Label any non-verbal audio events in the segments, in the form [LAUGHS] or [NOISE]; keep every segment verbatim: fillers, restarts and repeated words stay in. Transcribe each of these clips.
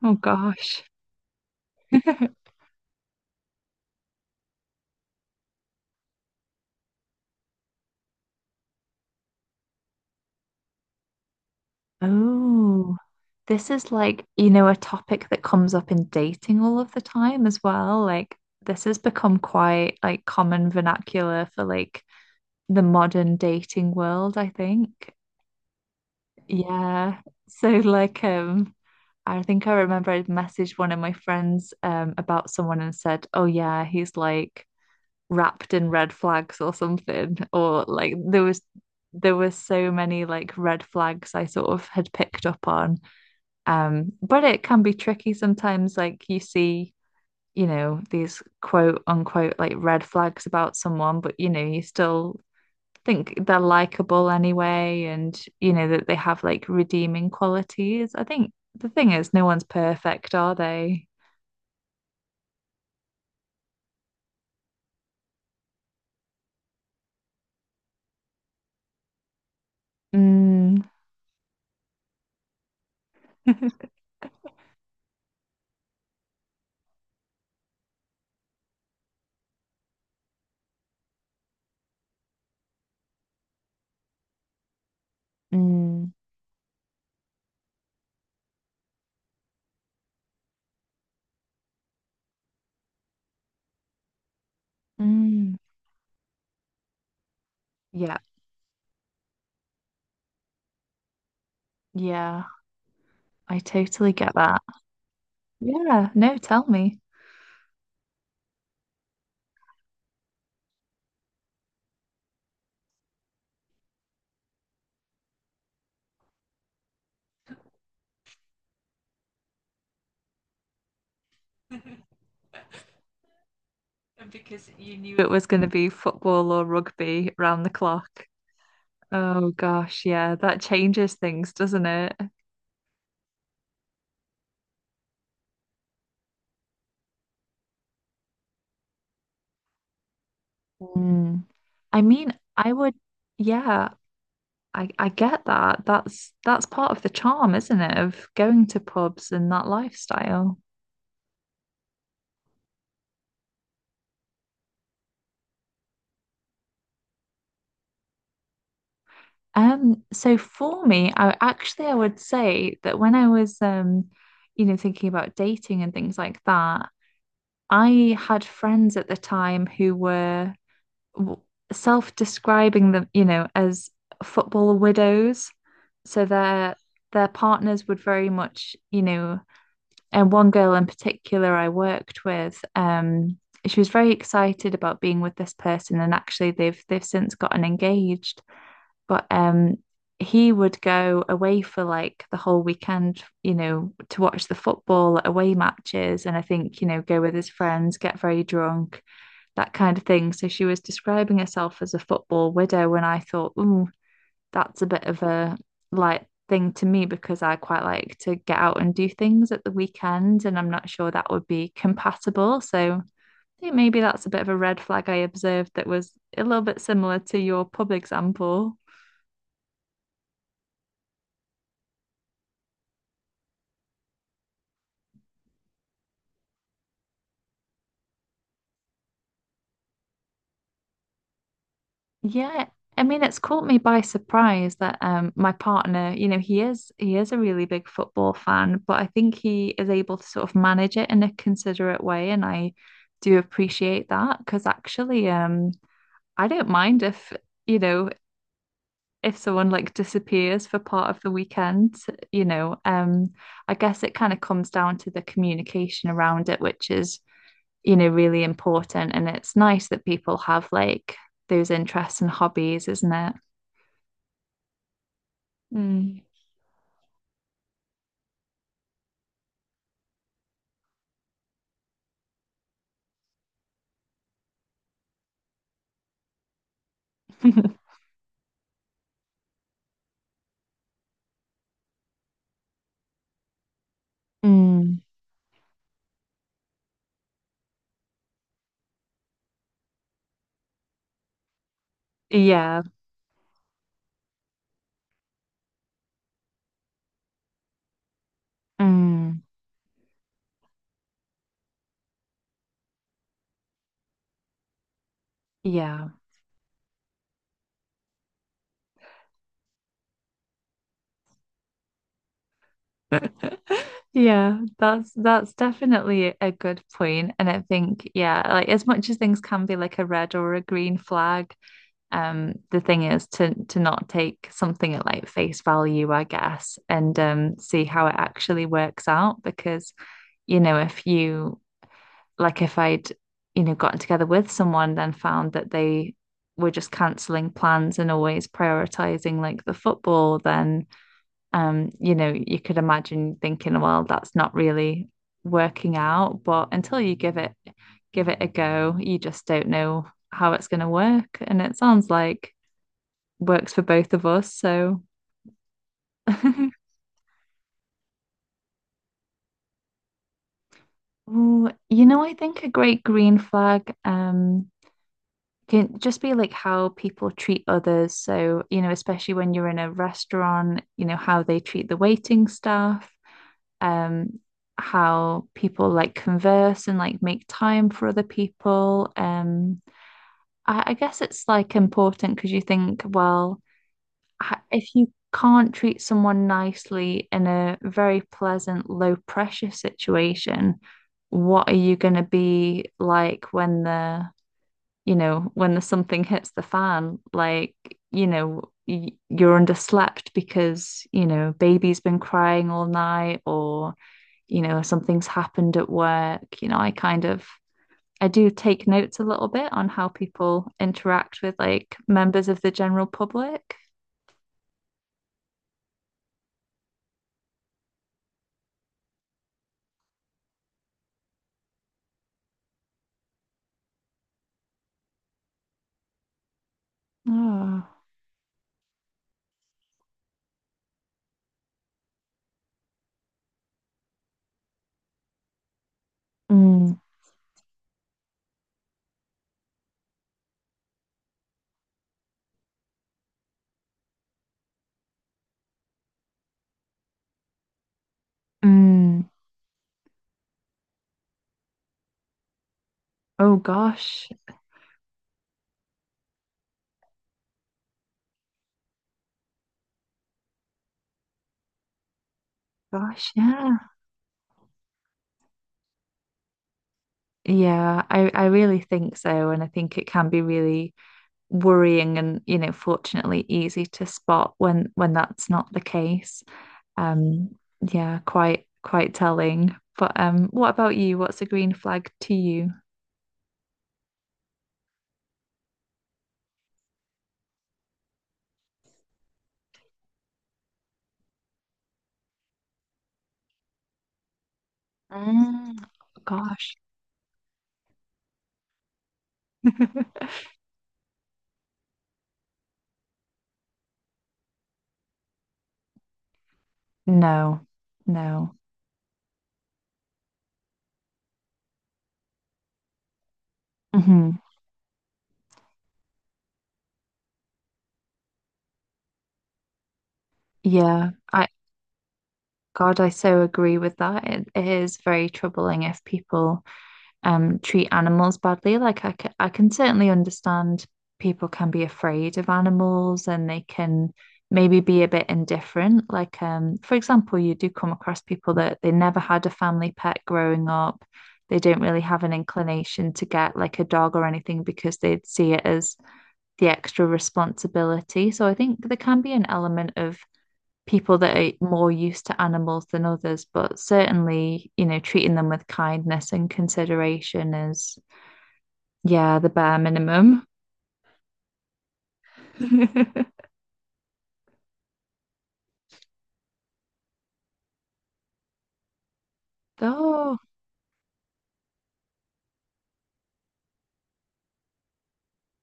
Oh gosh. [LAUGHS] Oh, this is like, you know, a topic that comes up in dating all of the time as well. Like, this has become quite like common vernacular for like the modern dating world, I think. Yeah. So like, um, I think I remember I messaged one of my friends um about someone and said, "Oh yeah, he's like wrapped in red flags," or something, or like there was there were so many like red flags I sort of had picked up on, um but it can be tricky sometimes. Like you see, you know, these quote unquote like red flags about someone, but you know you still think they're likable anyway, and you know that they have like redeeming qualities. I think the thing is, no one's perfect, are they? Mm. [LAUGHS] Mm. Mm. Yeah, yeah, I totally get that. Yeah, no, tell me. And because you knew it was going to be football or rugby round the clock. Oh gosh, yeah, that changes things, doesn't it? Mm. I mean, I would, yeah, I, I get that. That's that's part of the charm, isn't it, of going to pubs and that lifestyle. Um, so for me, I actually I would say that when I was, um, you know, thinking about dating and things like that, I had friends at the time who were self-describing them, you know, as football widows. So their their partners would very much, you know, and one girl in particular I worked with, um, she was very excited about being with this person, and actually they've they've since gotten engaged. But um, he would go away for like the whole weekend, you know, to watch the football away matches, and I think, you know, go with his friends, get very drunk, that kind of thing. So she was describing herself as a football widow, and I thought, ooh, that's a bit of a like thing to me, because I quite like to get out and do things at the weekend, and I'm not sure that would be compatible. So I think maybe that's a bit of a red flag I observed, that was a little bit similar to your pub example. Yeah, I mean it's caught me by surprise that um my partner, you know, he is he is a really big football fan, but I think he is able to sort of manage it in a considerate way, and I do appreciate that, because actually, um I don't mind if, you know, if someone like disappears for part of the weekend. You know, um I guess it kind of comes down to the communication around it, which is, you know, really important, and it's nice that people have like those interests and hobbies, isn't it? Mm. [LAUGHS] Mm. Yeah, mm. Yeah. [LAUGHS] Yeah, that's that's definitely a good point. And I think, yeah, like as much as things can be like a red or a green flag, um, the thing is to to not take something at like face value, I guess, and um see how it actually works out. Because, you know, if you like if I'd, you know, gotten together with someone, then found that they were just cancelling plans and always prioritizing like the football, then, um, you know, you could imagine thinking, well, that's not really working out. But until you give it give it a go, you just don't know how it's gonna work. And it sounds like works for both of us. So [LAUGHS] Ooh, you know, I think a great green flag um can just be like how people treat others. So, you know, especially when you're in a restaurant, you know, how they treat the waiting staff, um, how people like converse and like make time for other people. Um, I, I guess it's like important, because you think, well, ha- if you can't treat someone nicely in a very pleasant, low pressure situation, what are you going to be like when they're, you know, when the something hits the fan, like, you know, y- you're underslept because, you know, baby's been crying all night, or, you know, something's happened at work. You know, I kind of I do take notes a little bit on how people interact with like members of the general public. Oh. Mm, mm. Oh gosh. Gosh, yeah. Yeah, I, I really think so. And I think it can be really worrying, and you know, fortunately easy to spot when when that's not the case. um yeah Quite quite telling. But um what about you? What's a green flag to you? Mm. Gosh. [LAUGHS] No. No. Hmm. Yeah, I, God, I so agree with that. It, it is very troubling if people um treat animals badly. Like I can, I can certainly understand people can be afraid of animals, and they can maybe be a bit indifferent. Like um for example, you do come across people that they never had a family pet growing up. They don't really have an inclination to get like a dog or anything, because they'd see it as the extra responsibility. So I think there can be an element of people that are more used to animals than others, but certainly, you know, treating them with kindness and consideration is, yeah, the bare minimum. [LAUGHS] Oh,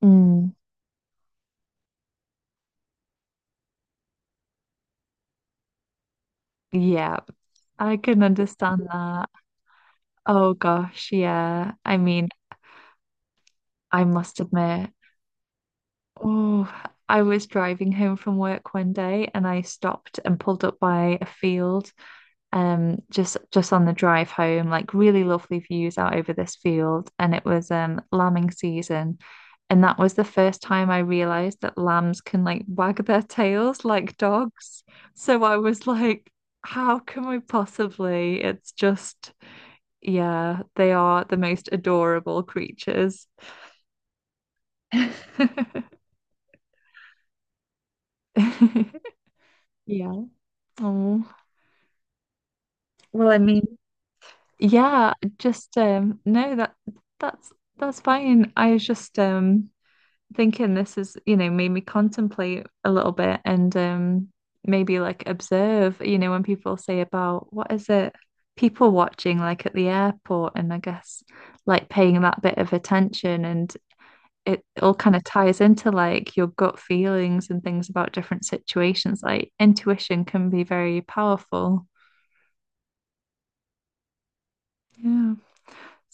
mm, yeah, I can understand that. Oh gosh, yeah. I mean, I must admit, oh, I was driving home from work one day and I stopped and pulled up by a field, um just just on the drive home, like really lovely views out over this field, and it was, um lambing season, and that was the first time I realized that lambs can like wag their tails like dogs. So I was like, how can we possibly? It's just, yeah, they are the most adorable creatures. [LAUGHS] [LAUGHS] Yeah. Oh, well, I mean, yeah, just, um no that that's that's fine. I was just um thinking, this is, you know, made me contemplate a little bit, and um maybe like observe, you know, when people say about, what is it, people watching like at the airport, and I guess like paying that bit of attention, and it all kind of ties into like your gut feelings and things about different situations. Like intuition can be very powerful. Yeah.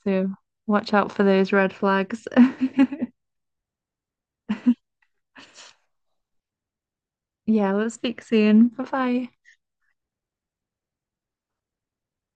So watch out for those red flags. [LAUGHS] Yeah, let's speak soon. Bye bye.